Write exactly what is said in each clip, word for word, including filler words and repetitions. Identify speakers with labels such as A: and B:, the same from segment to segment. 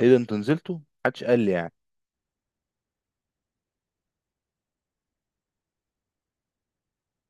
A: ايه ده، انتوا نزلتوا؟ محدش قال لي يعني.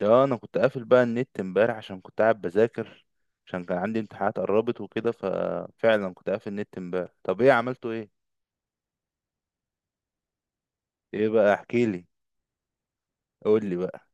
A: ده انا كنت قافل بقى النت امبارح عشان كنت قاعد بذاكر، عشان كان عندي امتحانات قربت وكده، ففعلا كنت قافل النت امبارح. طب ايه عملتوا ايه؟ ايه بقى، احكي لي، قول لي بقى.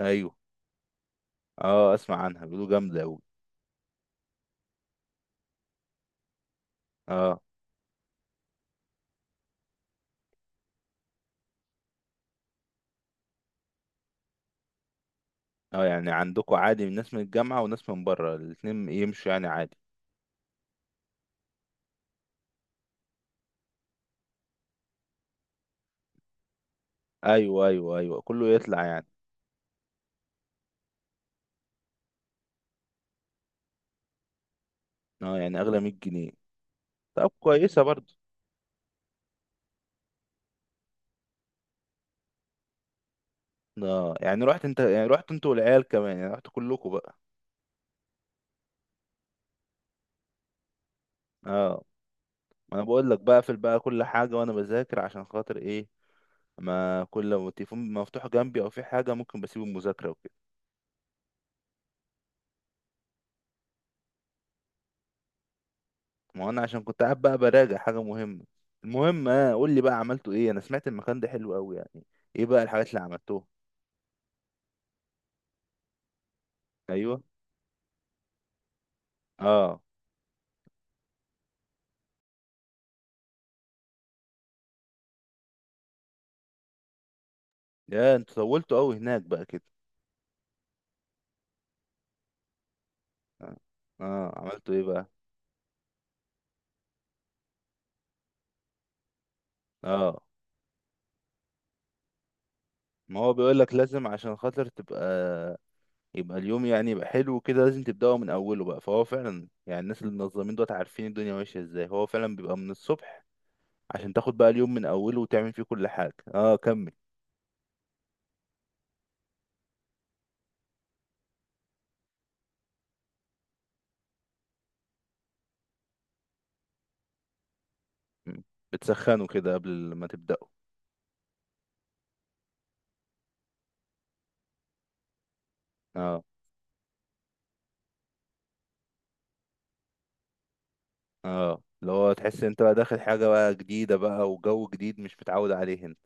A: ايوه. اه، اسمع عنها بيقولوا جامده قوي. اه. اه يعني عندكم عادي من ناس من الجامعه وناس من بره الاتنين يمشوا يعني عادي؟ ايوه ايوه ايوه، كله يطلع يعني. اه يعني اغلى مية جنيه. طب كويسه برضه. اه يعني رحت انت، يعني رحت انت والعيال كمان، يعني رحت كلكم بقى؟ اه، ما انا بقول لك بقفل بقى كل حاجه وانا بذاكر، عشان خاطر ايه، ما كل لو التليفون مفتوح جنبي او في حاجه ممكن بسيب المذاكره وكده. ما انا عشان كنت قاعد بقى براجع حاجه مهمه. المهم، اه، قول لي بقى عملتوا ايه. انا سمعت المكان ده حلو قوي يعني. ايه بقى الحاجات اللي عملتوها؟ ايوه. اه. يا انتوا طولتوا قوي هناك بقى كده. اه. آه، عملتوا ايه بقى؟ اه، ما هو بيقول لك لازم عشان خاطر تبقى، يبقى اليوم يعني يبقى حلو كده لازم تبدأه من أوله بقى، فهو فعلا يعني الناس اللي منظمين دوت عارفين الدنيا ماشية ازاي، هو فعلا بيبقى من الصبح عشان تاخد بقى اليوم من أوله وتعمل فيه كل حاجة. اه كمل. م. بتسخنه كده قبل ما تبدأه. اه. اه، اللي هو تحس انت بقى داخل حاجة بقى جديدة بقى وجو جديد مش متعود عليه انت.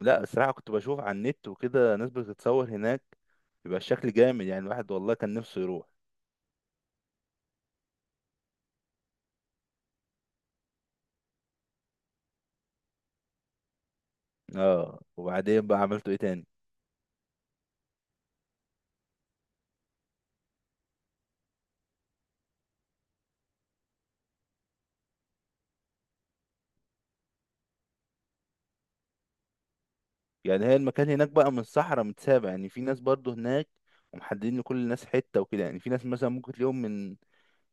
A: لا، الصراحة كنت بشوف على النت وكده ناس بتتصور هناك، بيبقى الشكل جامد يعني، الواحد والله كان نفسه يروح. اه، وبعدين بقى عملتوا ايه تاني؟ يعني هي المكان هناك بقى من صحراء متسابع، يعني في ناس برضو هناك ومحددين لكل الناس حتة وكده، يعني في ناس مثلا ممكن تلاقيهم من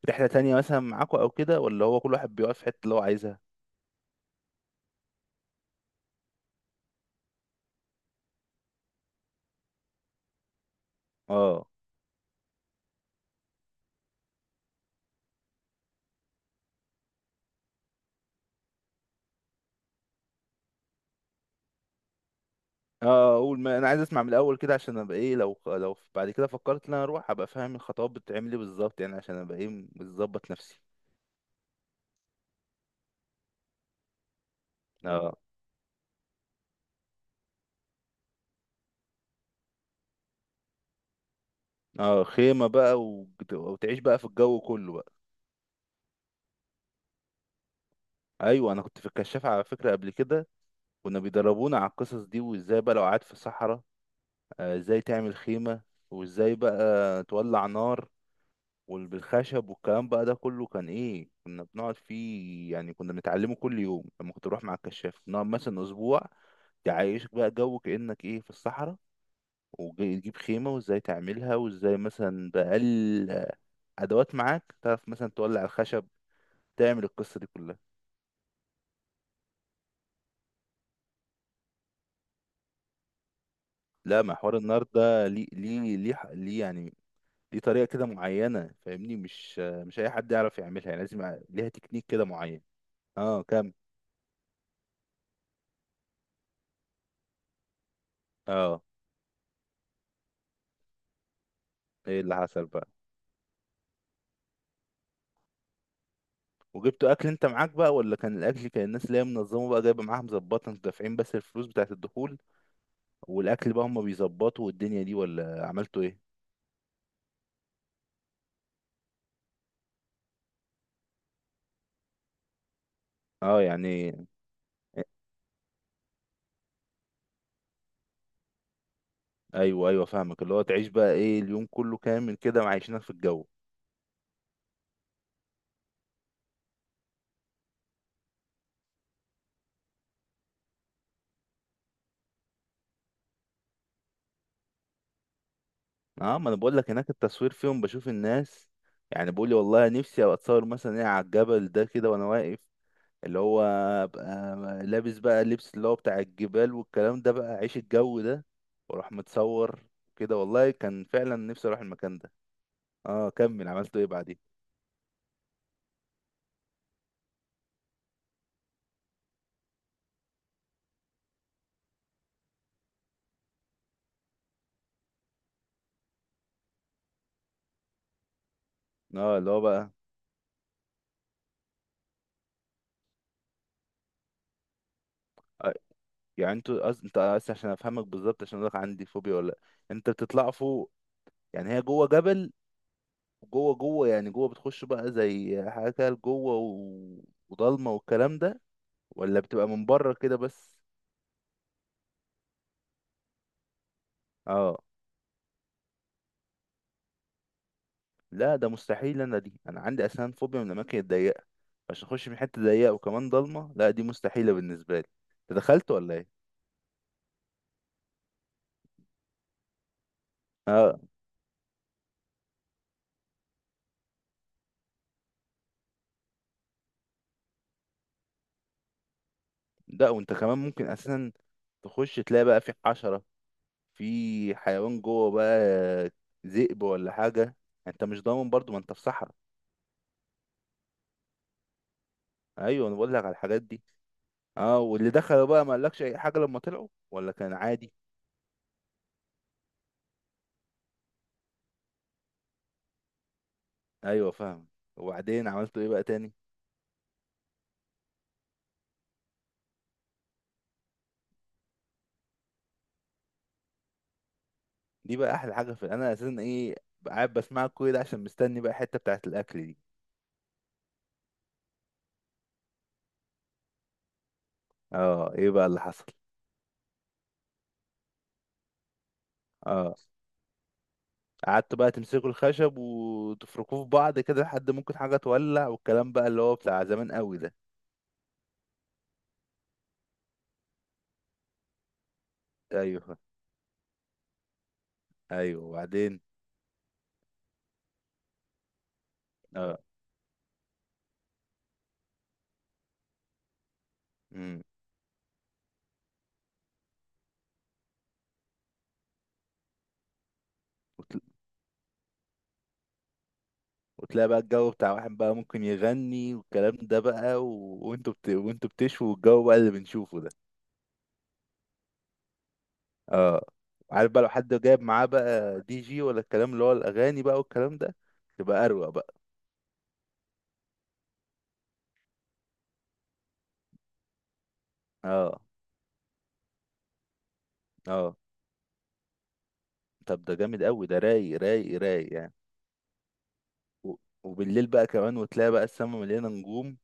A: رحلة تانية مثلا معاكوا أو كده، ولا هو كل واحد بيقف في الحتة اللي هو عايزها؟ اه. اه اقول، ما انا عايز اسمع من الاول كده عشان ابقى ايه، لو لو بعد كده فكرت ان انا اروح ابقى فاهم الخطوات بتتعمل ايه بالظبط، يعني عشان ابقى ايه، مظبط نفسي. اه. اه، خيمة بقى وت- وتعيش بقى في الجو كله بقى. ايوه انا كنت في الكشاف على فكرة قبل كده، كنا بيدربونا على القصص دي وازاي بقى لو قعدت في الصحراء. آه، ازاي تعمل خيمة، وازاي بقى تولع نار، والخشب والكلام بقى ده كله كان ايه، كنا بنقعد فيه يعني كنا بنتعلمه كل يوم لما كنت بروح مع الكشاف، نقعد مثلا اسبوع تعيشك بقى جو كأنك ايه في الصحراء، وتجيب خيمة وازاي تعملها، وازاي مثلا بأقل آه، ادوات معاك تعرف مثلا تولع الخشب، تعمل القصة دي كلها. لا، ما حوار النار ده ليه ليه ليه ليه يعني؟ دي طريقة كده معينة فاهمني، مش مش أي حد يعرف يعملها يعني، لازم يبقى ليها تكنيك كده معين. اه كم. اه. ايه اللي حصل بقى؟ وجبتوا أكل أنت معاك بقى، ولا كان الأكل كان الناس اللي هي منظمة بقى جايبة معاها مظبطة، أنتوا دافعين بس الفلوس بتاعة الدخول والأكل بقى هما بيظبطوا والدنيا دي، ولا عملتوا ايه؟ اه يعني. ايوه ايوه فاهمك، اللي هو تعيش بقى ايه اليوم كله كامل كده معيشينك في الجو. اه، ما انا بقول لك هناك التصوير فيهم بشوف الناس، يعني بقول لي والله نفسي ابقى اتصور مثلا ايه على الجبل ده كده وانا واقف، اللي هو ابقى لابس بقى اللبس اللي هو بتاع الجبال والكلام ده بقى، عيش الجو ده واروح متصور كده. والله كان فعلا نفسي اروح المكان ده. اه كمل عملته ايه بعدين. اه اللي هو بقى آه، يعني انتوا أص... انت أص... عشان افهمك بالظبط عشان اقولك عندي فوبيا ولا لأ. انت بتطلع فوق، يعني هي جوه جبل، جوه جوه يعني جوه بتخش بقى زي حاجه كده جوه و... وضلمه والكلام ده، ولا بتبقى من بره كده بس؟ اه. لا ده مستحيل انا، دي انا عندي اسنان فوبيا من الاماكن الضيقه، عشان اخش من حته ضيقه وكمان ضلمه، لا دي مستحيله بالنسبه لي. انت دخلت ولا ايه؟ اه. لا، وانت كمان ممكن اساسا تخش تلاقي بقى في حشره، في حيوان جوه بقى، ذئب ولا حاجه، انت مش ضامن برضو ما انت في صحراء. ايوه انا بقول لك على الحاجات دي. اه، واللي دخلوا بقى ما قالكش اي حاجه لما طلعوا ولا كان عادي؟ ايوه فاهم. وبعدين عملتوا ايه بقى تاني؟ دي بقى احلى حاجه، في انا اساسا ايه، قاعد بسمع كل ده عشان مستني بقى الحته بتاعه الاكل دي. اه ايه بقى اللي حصل. اه، قعدتوا بقى تمسكوا الخشب وتفركوه في بعض كده لحد ممكن حاجه تولع، والكلام بقى اللي هو بتاع زمان قوي ده. ايوه ايوه، وبعدين؟ اه. امم وتل- وتلاقي بقى الجو بتاع واحد بقى ممكن يغني والكلام ده بقى، و... وانتوا بت... وانتوا بتشوا الجو بقى اللي بنشوفه ده. اه. عارف بقى لو حد جايب معاه بقى دي جي ولا الكلام اللي هو الاغاني بقى والكلام ده، تبقى اروق بقى. اه. اه. طب ده جامد قوي ده، رايق رايق رايق يعني. و- وبالليل بقى كمان وتلاقي بقى السما مليانه نجوم،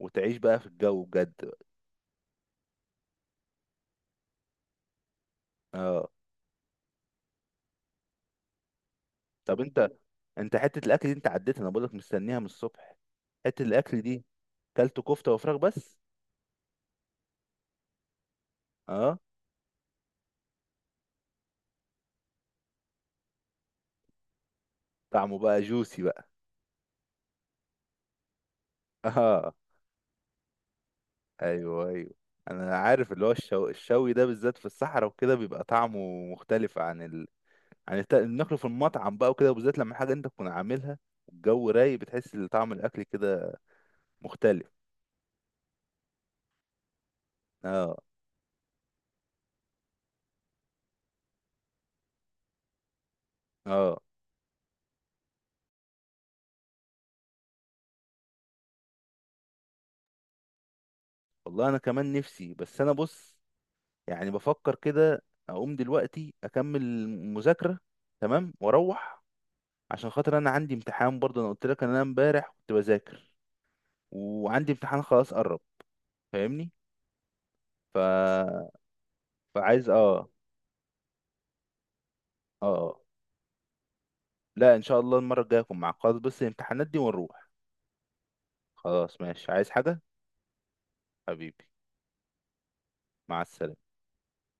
A: وتعيش بقى في الجو بجد بقى. اه. طب انت، انت حته الاكل دي انت عديت، انا بقولك مستنيها من الصبح. حته الاكل دي كلت كفته وفراخ بس؟ اه، طعمه بقى جوسي بقى. اه ايوه ايوه، انا عارف اللي هو الشو... الشوي ده بالذات في الصحراء وكده بيبقى طعمه مختلف عن يعني تا- ناكله في المطعم بقى وكده، وبالذات لما حاجه انت تكون عاملها والجو رايق، بتحس ان طعم الاكل كده مختلف. اه. اه، والله انا كمان نفسي، بس انا بص يعني بفكر كده اقوم دلوقتي اكمل مذاكره تمام واروح، عشان خاطر انا عندي امتحان برضه، انا قلت لك ان انا امبارح كنت بذاكر وعندي امتحان خلاص قرب، فاهمني. ف... فعايز اه. اه آه. لا ان شاء الله المره الجايه اكون معاك، خلاص بس الامتحانات دي ونروح. خلاص ماشي، عايز حاجه؟ حبيبي. مع السلامه.